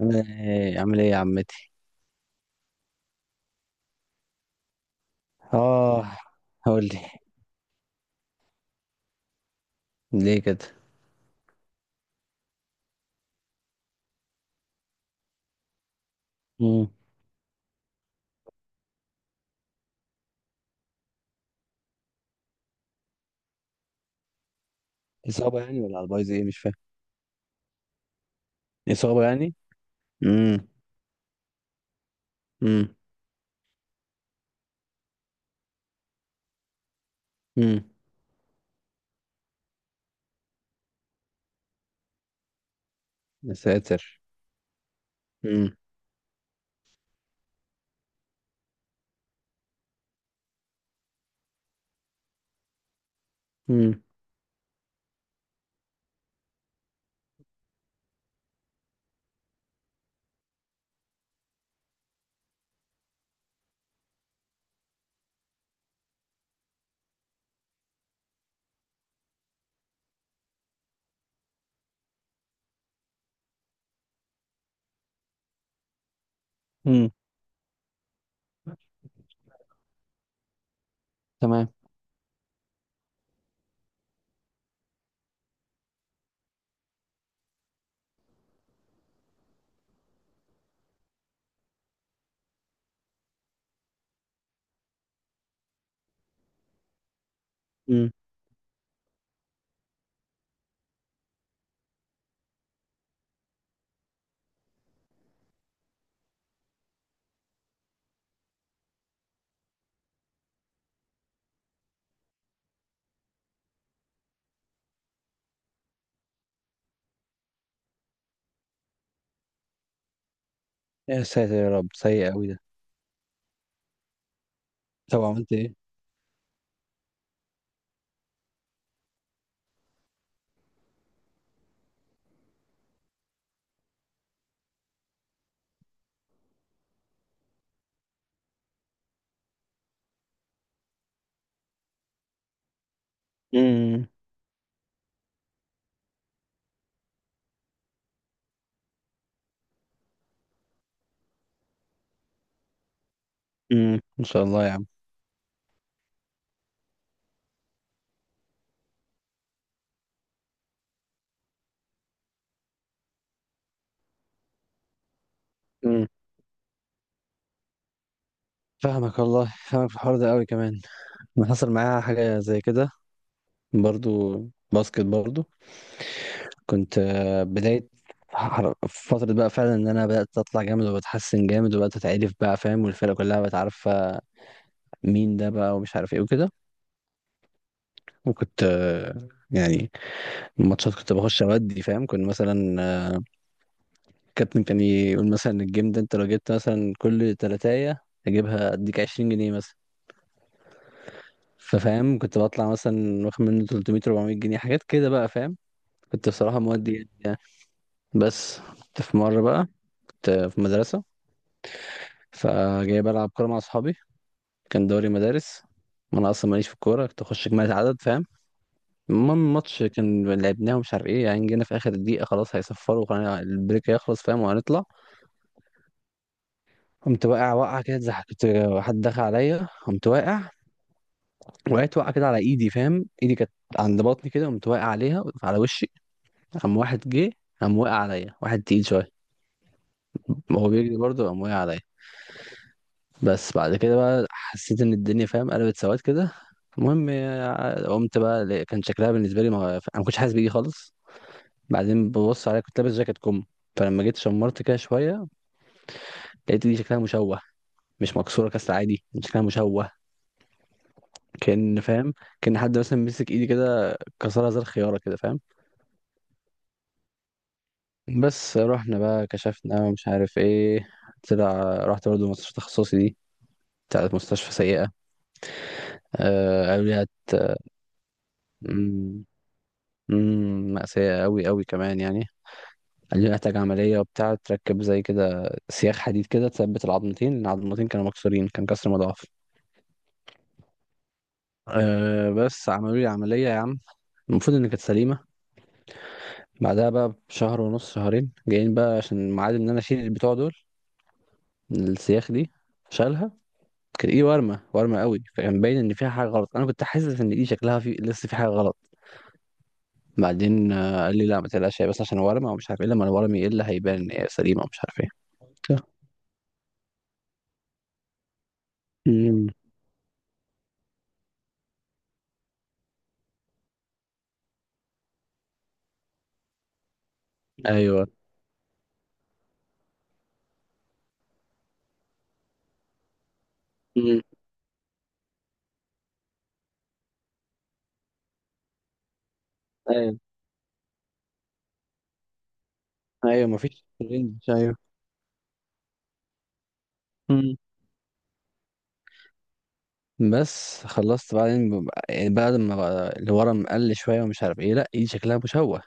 ايه عامل ايه يا عمتي؟ اه، قول لي. ليه كده؟ امم اصابه يعني ولا على البايظ ايه؟ مش فاهم. اصابه يعني. امم امم امم يا ساتر. امم امم امم تمام. امم يا ساتر يا رب، سيء قوي ده. طب عملت ايه؟ امم ان شاء الله يا عم. امم فاهمك والله، فاهمك في الحوار ده قوي كمان. أنا حصل معايا حاجه زي كده، برضو باسكت برضو. كنت بداية فترة بقى فعلا ان انا بدأت اطلع جامد وبتحسن جامد، وبدأت اتعرف بقى فاهم، والفرقة كلها بقت عارفة مين ده بقى ومش عارف ايه وكده. وكنت يعني الماتشات كنت بخش اودي فاهم. كنت مثلا الكابتن كان يقول مثلا الجيم ده انت لو جبت مثلا كل تلاتاية اجيبها اديك 20 جنيه مثلا. ففاهم كنت بطلع مثلا واخد منه 300 400 جنيه، حاجات كده بقى فاهم. كنت بصراحة مودي جامد يعني. بس كنت في مرة بقى، كنت في مدرسة، فجاي بلعب كورة مع أصحابي، كان دوري مدارس. وانا اصلا ماليش في الكوره، كنت اخش اجمالي عدد فاهم. المهم الماتش كان لعبناه ومش عارف ايه، يعني جينا في اخر دقيقه خلاص هيصفروا، خلينا البريك هيخلص فاهم وهنطلع. قمت واقع وقعه كده، اتزحلقت، حد دخل عليا قمت واقع، وقعت وقعه كده على ايدي فاهم، ايدي كانت عند بطني كده، قمت واقع عليها على وشي. قام واحد جه، قام واقع عليا واحد تقيل شويه، وهو بيجري برضه قام واقع عليا. بس بعد كده بقى حسيت ان الدنيا فاهم قلبت سواد كده. المهم قمت بقى كان شكلها بالنسبه لي ما انا ما كنتش حاسس بيه خالص. بعدين ببص عليها، كنت لابس جاكيت كم، فلما جيت شمرت كده شويه لقيت دي شكلها مشوه، مش مكسوره كسر عادي، شكلها مشوه. كان فاهم، كان حد مثلا مسك ايدي كده كسرها زي الخياره كده فاهم. بس رحنا بقى كشفنا ومش عارف ايه، طلع رحت برضه مستشفى تخصصي دي، بتاعت مستشفى سيئه. آه قالوا لي هت. مأساة قوي قوي كمان يعني. قال لي محتاج عملية وبتاع، تركب زي كده سياخ حديد كده تثبت العظمتين، لأن العظمتين كانوا مكسورين، كان كسر مضاعف. أه بس عملوا لي عملية يا عم. المفروض إن كانت سليمة. بعدها بقى بشهر ونص شهرين جايين بقى، عشان ميعاد إن أنا أشيل البتوع دول، السياخ دي، شالها. كانت إيدي ورمة، ورمة قوي، فكان باين إن فيها حاجة غلط. أنا كنت حاسس إن إيدي شكلها في لسه في حاجة غلط. بعدين قال لي لا ما تقلقش، هي بس عشان ورمة ومش عارف إيه، لما الورم يقل هيبان إن هي سليمة ومش عارف إيه. ايوه. امم ايوه. ايوه مفيش رينج، ايوه. امم بس خلصت بعدين يعني بعد ما بقى اللي ورا مقل شويه ومش عارف ايه، لا ايدي شكلها مشوه.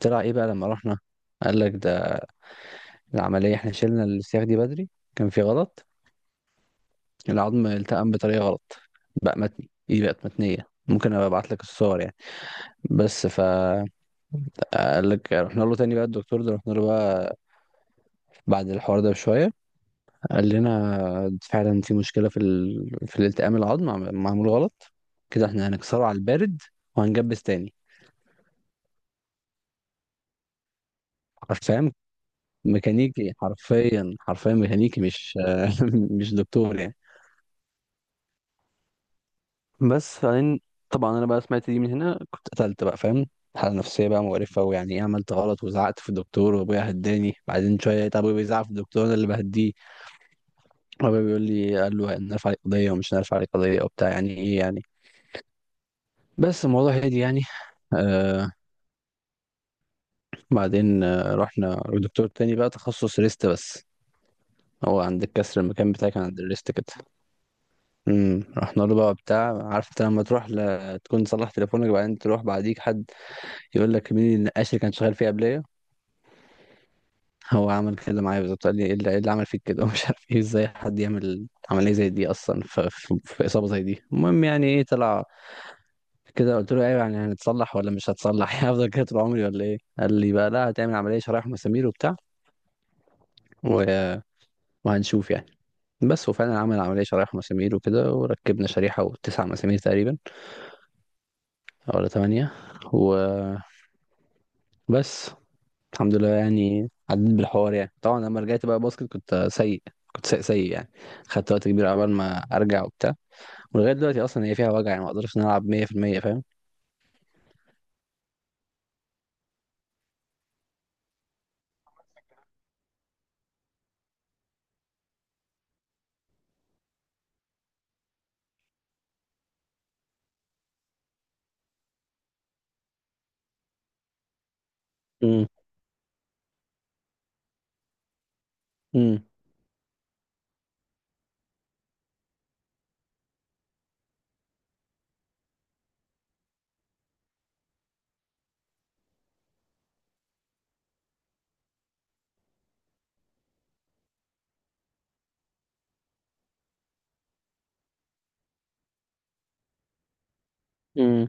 طلع ايه بقى لما رحنا؟ قال لك ده العمليه احنا شلنا السياخ دي بدري، كان في غلط، العظم التئم بطريقه غلط، بقى متني، ايدي بقت متنيه، ممكن ابقى ابعت لك الصور يعني. بس ف قال لك رحنا له تاني بقى الدكتور ده، رحنا له بقى بعد الحوار ده بشويه. قال لنا فعلا في مشكلة في في الالتئام، العظم معمول غلط كده، احنا هنكسره على البارد وهنجبس تاني. حرفيا ميكانيكي، حرفيا حرفيا ميكانيكي، مش مش دكتور يعني. بس فبعدين طبعا انا بقى سمعت دي من هنا، كنت قتلت بقى فاهم، حالة نفسية بقى مقرفة، ويعني ايه عملت غلط، وزعقت في الدكتور وابويا هداني. بعدين شوية لقيت ابويا بيزعق في الدكتور انا اللي بهديه. ابويا بيقول لي قال له هنرفع عليك قضية ومش هنرفع عليك قضية وبتاع، يعني ايه يعني. بس الموضوع هادي يعني آه، بعدين رحنا لدكتور تاني بقى تخصص ريست بس، هو عند الكسر المكان بتاعي كان عند الريست كده. رحنا له بقى بتاع، عارف انت لما تروح تكون صلح تليفونك بعدين تروح بعديك حد يقول لك مين النقاش اللي كان شغال فيه قبليه. هو عمل كده معايا بالظبط، قال لي ايه اللي إيه اللي عمل فيك كده ومش عارف ايه، ازاي حد يعمل عمليه زي دي اصلا في اصابه زي دي. المهم يعني ايه، طلع كده قلت له ايوه يعني هنتصلح ولا مش هتصلح هفضل كده طول عمري ولا ايه؟ قال لي بقى لا هتعمل عمليه شرايح مسامير وبتاع و... وهنشوف يعني. بس وفعلا عمل عملية شرايح ومسامير وكده، وركبنا شريحة وتسع مسامير تقريبا، ولا تمانية، وبس. الحمد لله يعني، عديت بالحوار يعني. طبعا لما رجعت بقى باسكت كنت سيء، كنت سيء سيء يعني، خدت وقت كبير عبال ما ارجع وبتاع. ولغاية دلوقتي اصلا هي فيها وجع، يعني ما اقدرش ان أنا العب 100% فاهم. امم امم امم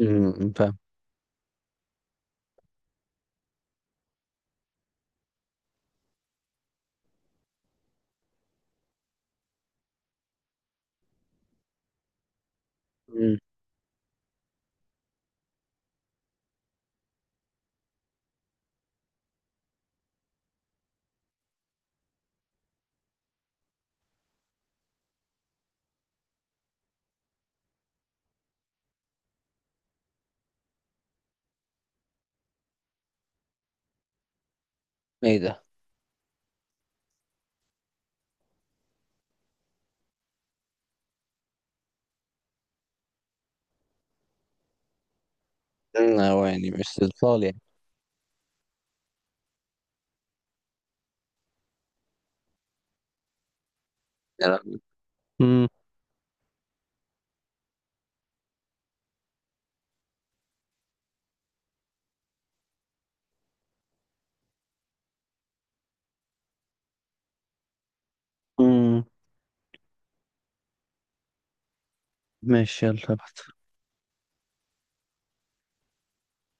أمم، فاهم. امم ايه ده؟ هو يعني مش اطفال يعني. امم امم ماشي، يلا ابعت.